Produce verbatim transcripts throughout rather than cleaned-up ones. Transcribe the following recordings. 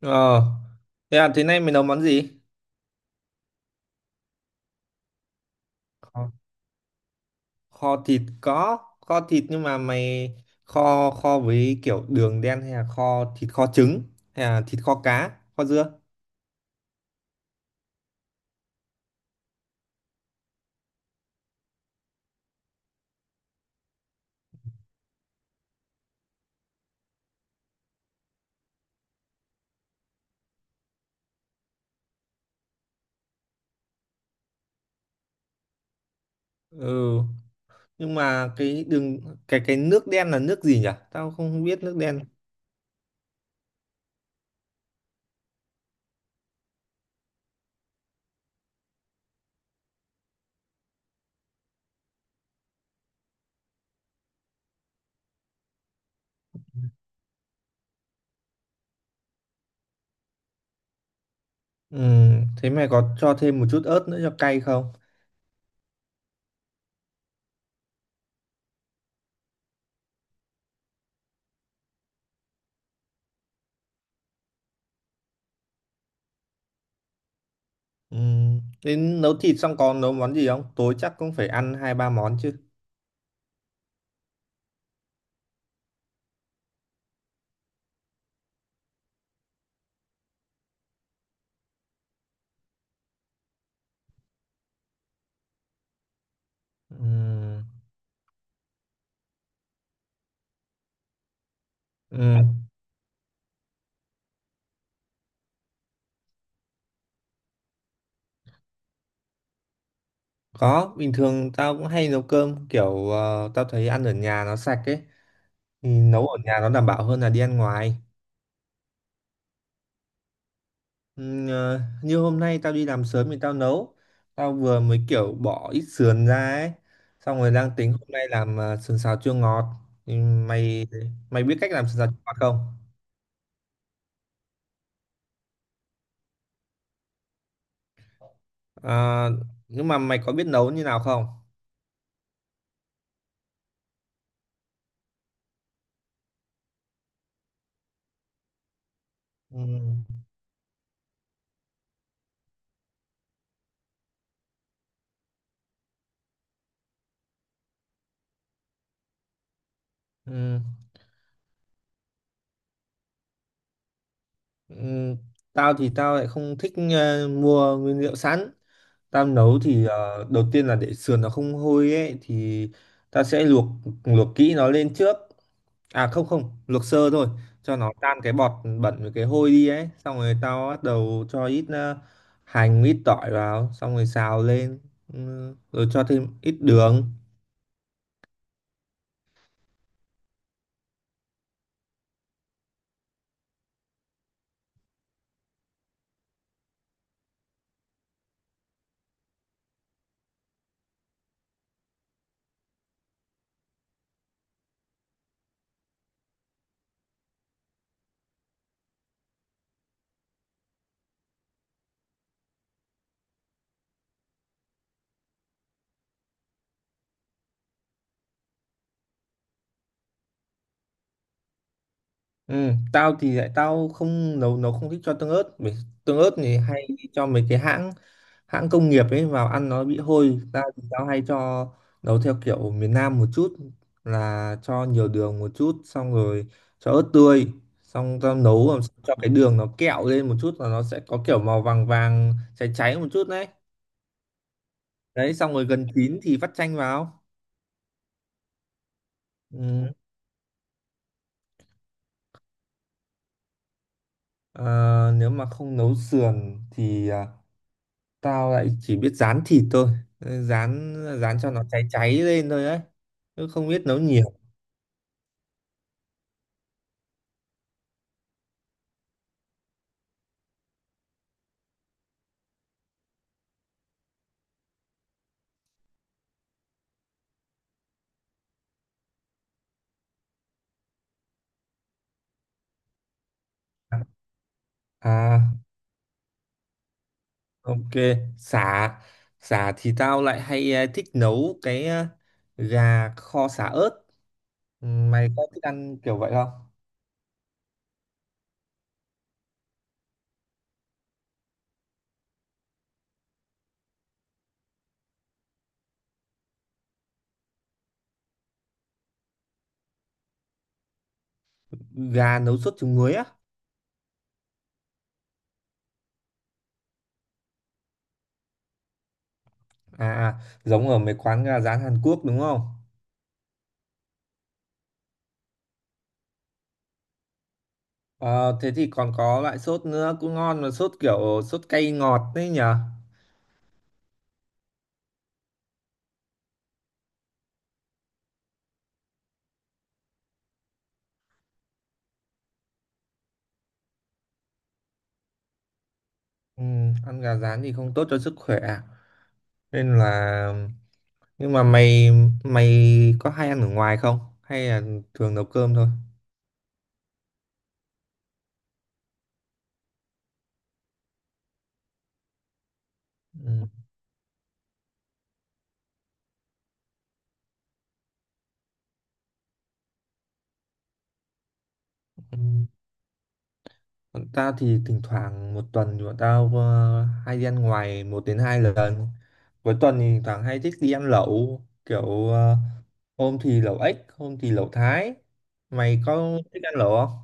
Ờ, thế à, thế nay mày nấu món gì? Ờ, kho thịt có, kho thịt nhưng mà mày kho kho với kiểu đường đen hay là kho thịt kho trứng hay là thịt kho cá, kho dưa? Ừ, nhưng mà cái đường cái cái nước đen là nước gì nhỉ? Tao không biết nước đen. Ừ, thế mày có cho thêm một chút ớt nữa cho cay không? Ừ, đến nấu thịt xong còn nấu món gì không? Tối chắc cũng phải ăn hai ba món chứ. Ừ. Ừ. Có, bình thường tao cũng hay nấu cơm kiểu ờ, tao thấy ăn ở nhà nó sạch ấy, thì nấu ở nhà nó đảm bảo hơn là đi ăn ngoài. Ừm, ờ, như hôm nay tao đi làm sớm thì tao nấu. Tao vừa mới kiểu bỏ ít sườn ra ấy. Xong rồi đang tính hôm nay làm ờ, sườn xào chua ngọt. Thì mày mày biết cách làm sườn xào chua ngọt không? Ờ, nhưng mà mày có biết nấu như nào không? Ừ. Ừ. Ừm, tao thì tao lại không thích ờ, mua nguyên liệu sẵn. Tao nấu thì ờ, đầu tiên là để sườn nó không hôi ấy, thì ta sẽ luộc luộc kỹ nó lên trước. À không không, luộc sơ thôi cho nó tan cái bọt bẩn với cái hôi đi ấy. Xong rồi tao bắt đầu cho ít ờ, hành, ít tỏi vào, xong rồi xào lên. Ừ, rồi cho thêm ít đường. Ừ, tao thì lại tao không nấu nấu không thích cho tương ớt, bởi tương ớt thì hay cho mấy cái hãng hãng công nghiệp ấy vào ăn nó bị hôi. Tao thì tao hay cho nấu theo kiểu miền Nam một chút, là cho nhiều đường một chút, xong rồi cho ớt tươi, xong tao nấu làm sao cho cái đường nó kẹo lên một chút là nó sẽ có kiểu màu vàng vàng cháy cháy một chút đấy. Đấy, xong rồi gần chín thì vắt chanh vào. Ừ. À, nếu mà không nấu sườn thì à, tao lại chỉ biết rán thịt thôi. Ừ, rán, rán cho nó cháy cháy lên thôi ấy, chứ không biết nấu nhiều. À, ok. Sả, sả thì tao lại hay ờ, thích nấu cái ờ, gà kho sả ớt. Ừ, mày có thích ăn kiểu vậy không? Gà nấu sốt trứng muối á? À à, giống ở mấy quán gà rán Hàn Quốc đúng không? Ờ, thế thì còn có loại sốt nữa cũng ngon, mà sốt kiểu sốt cay ngọt đấy nhở. Ừ, ăn gà rán thì không tốt cho sức khỏe à? Nên là, nhưng mà mày mày có hay ăn ở ngoài không hay là thường nấu cơm thôi? Ừ. Ừ. Bọn tao thì thỉnh thoảng một tuần thì bọn tao ờ, hay đi ăn ngoài một đến hai lần. Cuối tuần thì thỉnh thoảng hay thích đi ăn lẩu kiểu ờ, hôm thì lẩu ếch hôm thì lẩu Thái. Mày có thích ăn lẩu không?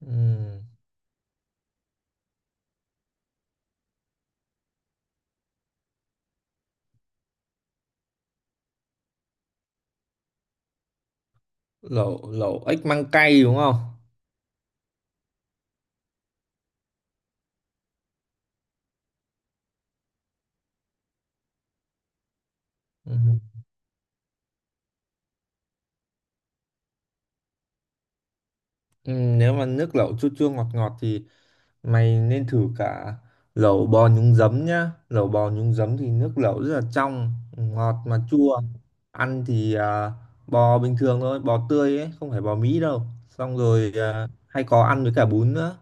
Ừ. lẩu lẩu ếch măng cay đúng không? Ừ. Ừ, nếu mà nước lẩu chua chua ngọt ngọt thì mày nên thử cả lẩu bò nhúng giấm nhá. Lẩu bò nhúng giấm thì nước lẩu rất là trong, ngọt mà chua. Ăn thì à, bò bình thường thôi, bò tươi ấy, không phải bò Mỹ đâu, xong rồi à, hay có ăn với cả bún nữa.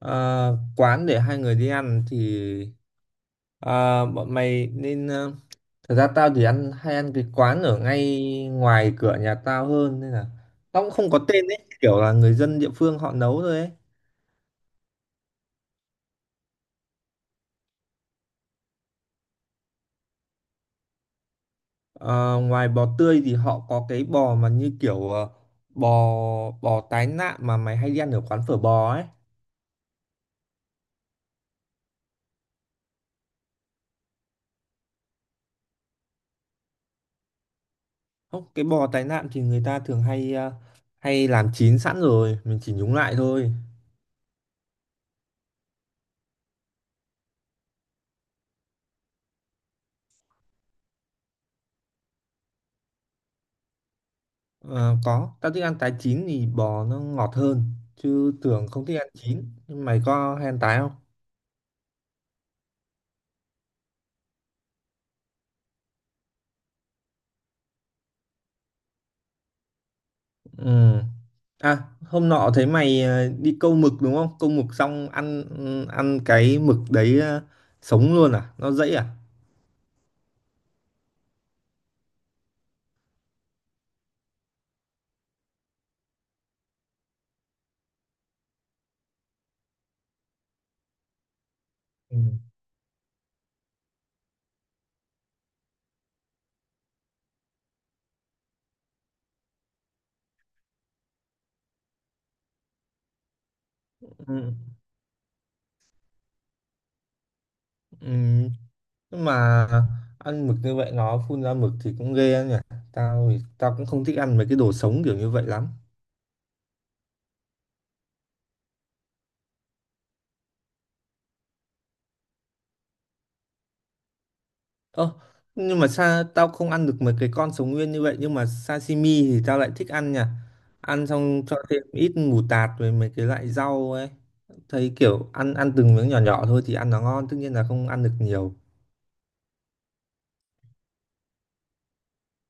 À, quán để hai người đi ăn thì à, bọn mày nên à, thật ra tao thì ăn hay ăn cái quán ở ngay ngoài cửa nhà tao hơn, nên là tao cũng không có tên ấy, kiểu là người dân địa phương họ nấu thôi ấy. Ờ, ngoài bò tươi thì họ có cái bò mà như kiểu ờ, bò bò tái nạm mà mày hay đi ăn ở quán phở bò ấy. Không, cái bò tái nạm thì người ta thường hay ờ, hay làm chín sẵn rồi, mình chỉ nhúng lại thôi. Ờ, có, tao thích ăn tái, chín thì bò nó ngọt hơn, chứ thường không thích ăn chín. Nhưng mày có hay ăn tái không? Ừ. À, hôm nọ thấy mày ờ, đi câu mực đúng không? Câu mực xong ăn ừ, ăn cái mực đấy ờ, sống luôn à? Nó dãy à? Ừ. Ừ. Ừ. Nhưng mà ăn mực như vậy nó phun ra mực thì cũng ghê anh nhỉ. Tao thì tao cũng không thích ăn mấy cái đồ sống kiểu như vậy lắm. Ơ, nhưng mà sao tao không ăn được mấy cái con sống nguyên như vậy, nhưng mà sashimi thì tao lại thích ăn nhỉ. Ăn xong cho thêm ít mù tạt với mấy cái loại rau ấy, thấy kiểu ăn, ăn từng miếng nhỏ nhỏ thôi thì ăn nó ngon, tất nhiên là không ăn được nhiều.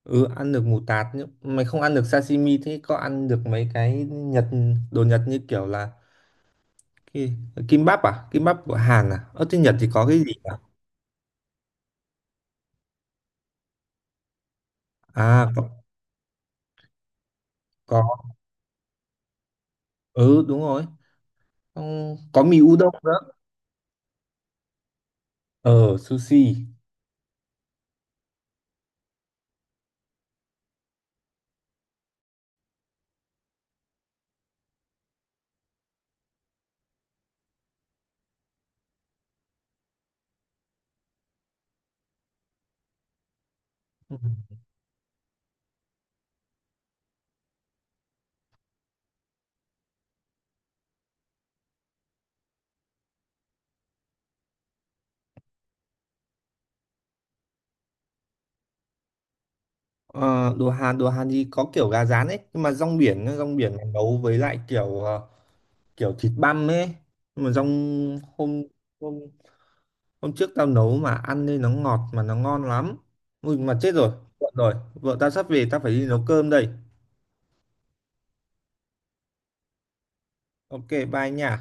Ừ, ăn được mù tạt. Nhưng mày không ăn được sashimi, thế có ăn được mấy cái Nhật, đồ Nhật như kiểu là Ki- kim bắp à? Kim bắp của Hàn à? Ở trên Nhật thì có cái gì nhỉ? À có, có. Ừ đúng rồi. Xong có mì udon nữa. Ờ sushi. Ừ. Ờ, đồ Hàn đồ Hàn thì có kiểu gà rán ấy, nhưng mà rong biển, nó rong biển này nấu với lại kiểu ờ, kiểu thịt băm ấy. Nhưng mà rong, hôm hôm hôm trước tao nấu mà ăn nên nó ngọt mà nó ngon lắm. Ui mà chết rồi. Muộn rồi. Vợ tao sắp về, tao phải đi nấu cơm đây. Ok, bye nha.